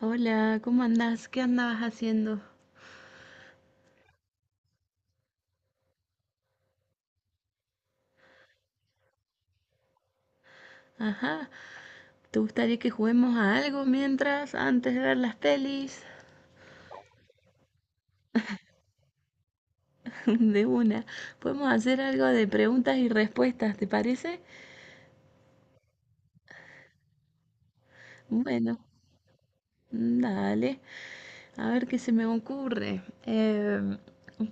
Hola, ¿cómo andás? ¿Qué andabas haciendo? Ajá, ¿te gustaría que juguemos a algo mientras, antes de ver las pelis? De una. Podemos hacer algo de preguntas y respuestas, ¿te parece? Bueno, dale, a ver qué se me ocurre. Eh,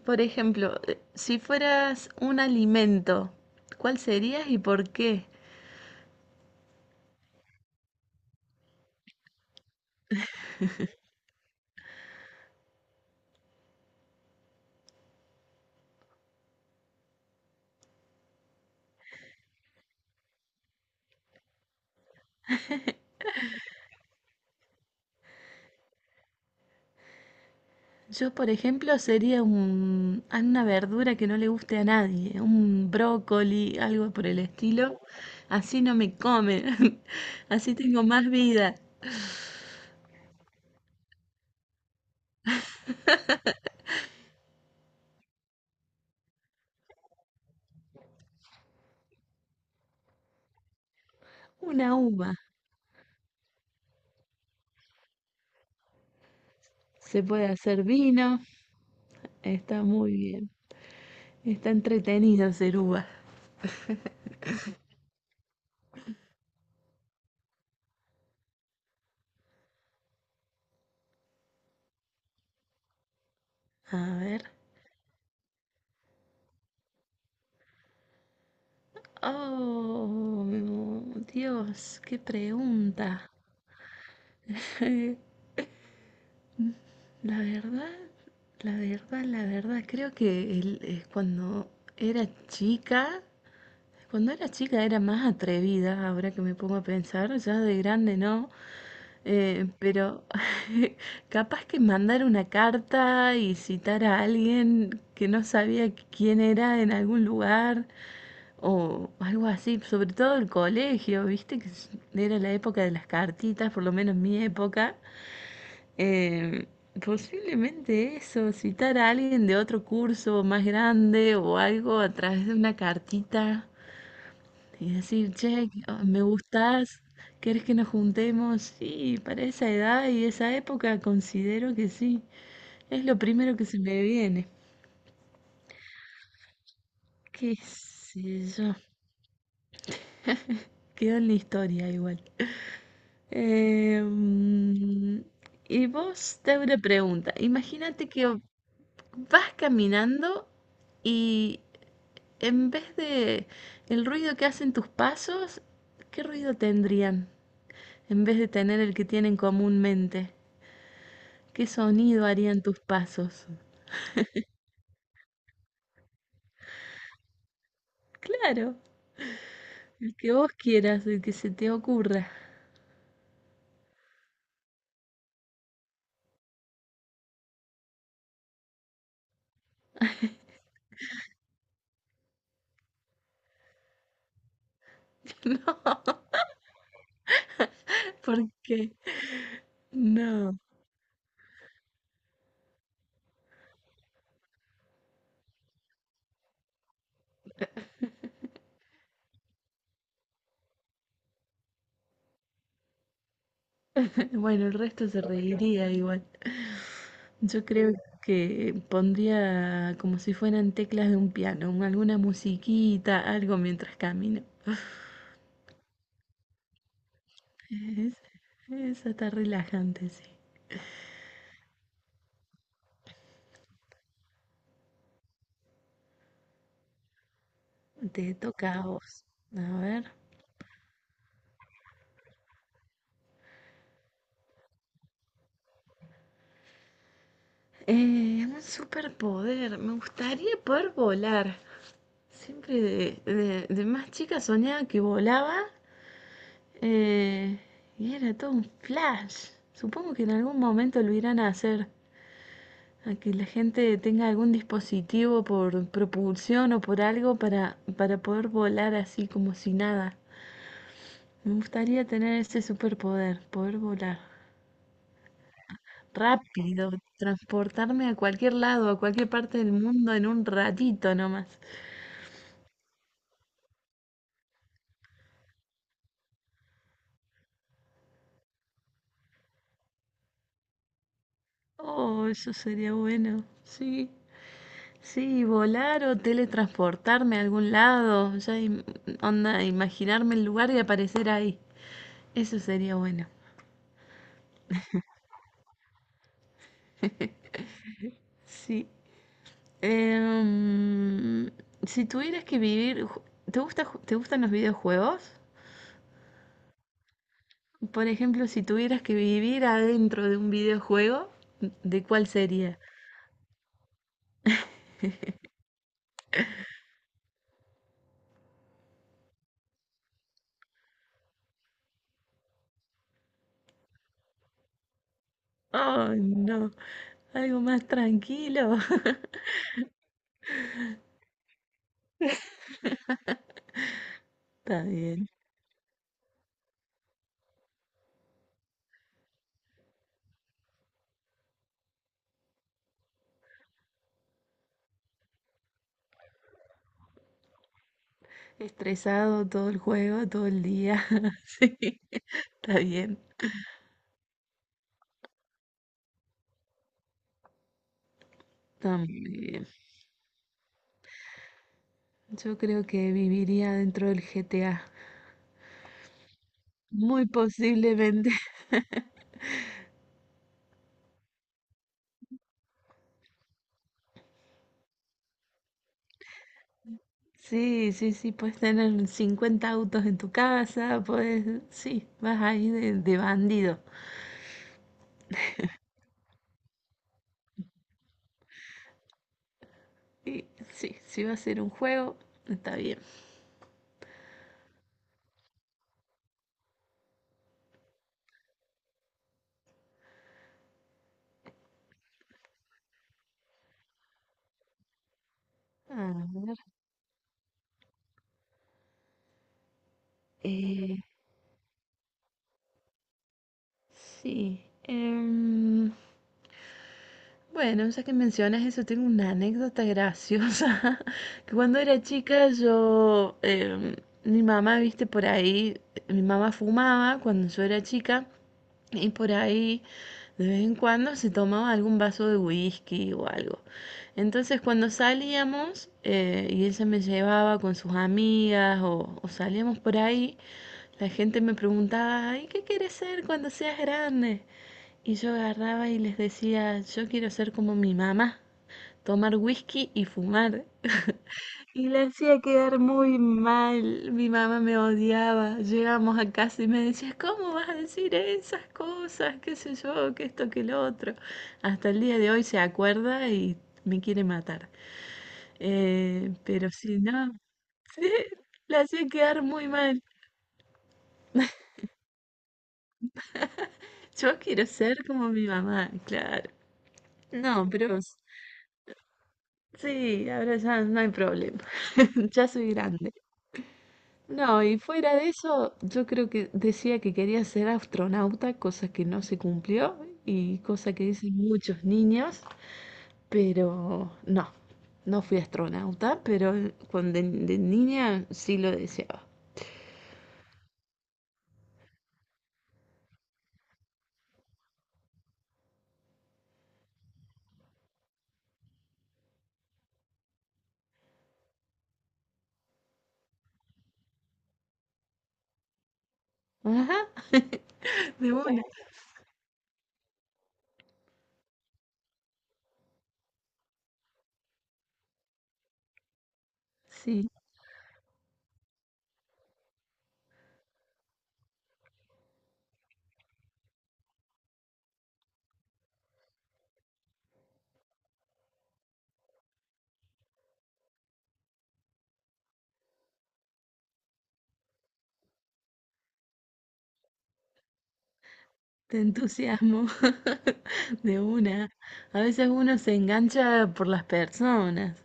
por ejemplo, eh, si fueras un alimento, ¿cuál serías y por qué? Yo, por ejemplo, sería a una verdura que no le guste a nadie, un brócoli, algo por el estilo. Así no me comen, así tengo más vida. Una uva. Se puede hacer vino, está muy bien. Está entretenido hacer uva. A ver. Oh, Dios, qué pregunta. La verdad, la verdad, creo que cuando era chica. Cuando era chica era más atrevida, ahora que me pongo a pensar, ya de grande no, pero capaz que mandar una carta y citar a alguien que no sabía quién era en algún lugar o algo así, sobre todo el colegio, viste que era la época de las cartitas, por lo menos mi época. eh, Posiblemente eso, citar a alguien de otro curso más grande o algo a través de una cartita. Y decir, che, ah, me gustás, ¿querés que nos juntemos? Sí, para esa edad y esa época considero que sí. Es lo primero que se me viene. ¿Qué sé yo? Quedó en la historia igual. Eh, mm, y vos te hago una pregunta. Imagínate que vas caminando y en vez de el ruido que hacen tus pasos, ¿qué ruido tendrían? En vez de tener el que tienen comúnmente. ¿Qué sonido harían tus pasos? Claro, el que vos quieras, el que se te ocurra. No, porque no. Bueno, el resto se reiría igual. Yo creo que pondría como si fueran teclas de un piano, alguna musiquita, algo mientras camino. Es, Eso está relajante, sí. Te toca a vos. A ver. Un superpoder. Me gustaría poder volar. Siempre de más chica soñaba que volaba, eh, y era todo un flash. Supongo que en algún momento lo irán a hacer, a que la gente tenga algún dispositivo por propulsión o por algo para, poder volar así como si nada. Me gustaría tener ese superpoder, poder volar rápido, transportarme a cualquier lado, a cualquier parte del mundo en un ratito nomás. Oh, eso sería bueno, sí. Sí, volar o teletransportarme a algún lado, ya onda, imaginarme el lugar y aparecer ahí. Eso sería bueno. Sí. Em, si tuvieras que vivir, ¿te gusta, te gustan los videojuegos? Por ejemplo, si tuvieras que vivir adentro de un videojuego, ¿de cuál sería? Oh, no, algo más tranquilo. Está bien. Estresado todo el juego, todo el día. Sí, está bien. Está muy bien. Yo creo que viviría dentro del GTA. Muy posiblemente. Sí, sí, sí, puedes tener 50 autos en tu casa, puedes, sí, vas ahí de bandido. Y sí, si va a ser un juego, está bien. A ver, eh, sí. Bueno, ya que mencionas eso, tengo una anécdota graciosa. Que cuando era chica, mi mamá, viste, por ahí, mi mamá fumaba cuando yo era chica y por ahí de vez en cuando se tomaba algún vaso de whisky o algo. Entonces cuando salíamos, y ella me llevaba con sus amigas o salíamos por ahí, la gente me preguntaba, ¿y qué quieres ser cuando seas grande? Y yo agarraba y les decía, yo quiero ser como mi mamá, tomar whisky y fumar. Y le hacía quedar muy mal. Mi mamá me odiaba. Llegamos a casa y me decía, ¿cómo vas a decir esas cosas? ¿Qué sé yo? ¿Qué esto? ¿Qué lo otro? Hasta el día de hoy se acuerda y me quiere matar. Pero si no, sí, la hacía quedar muy mal. Yo quiero ser como mi mamá, claro. No, pero... Sí, ahora ya no hay problema. Ya soy grande. No, y fuera de eso, yo creo que decía que quería ser astronauta, cosa que no se cumplió y cosa que dicen muchos niños, pero no, no fui astronauta, pero cuando de niña sí lo deseaba. Ajá, de una. Sí, te entusiasmo. De una. A veces uno se engancha por las personas.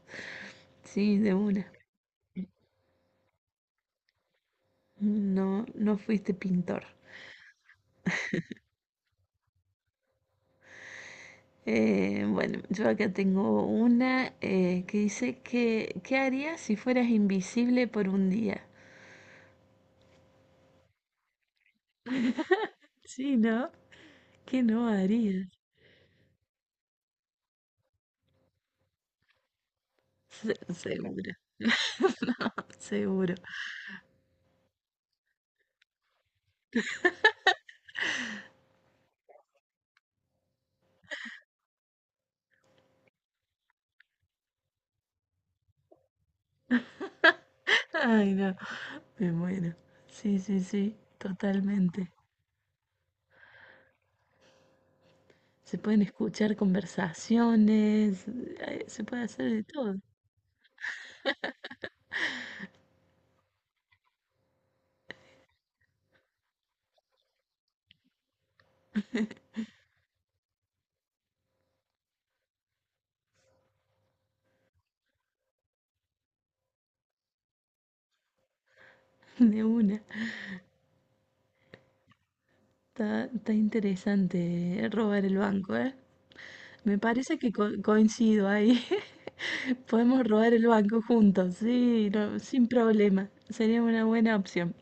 Sí, de una. No, no fuiste pintor. Bueno, yo acá tengo una, que dice que ¿qué harías si fueras invisible por un día? Sí, ¿no? ¿Qué no harías? Seguro, seguro. Ay, no, me muero. Sí, sí, sí, totalmente. Se pueden escuchar conversaciones, se puede hacer de todo, de una. Está interesante, robar el banco, ¿eh? Me parece que coincido ahí. Podemos robar el banco juntos, sí, no, sin problema. Sería una buena opción.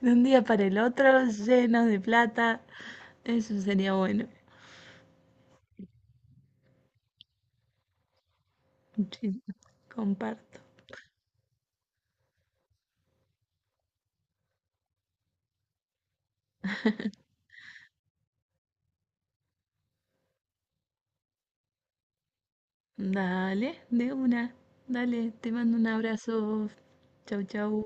De un día para el otro, llenos de plata. Eso sería bueno. Sí, comparto. Dale, de una. Dale, te mando un abrazo. Chau, chau.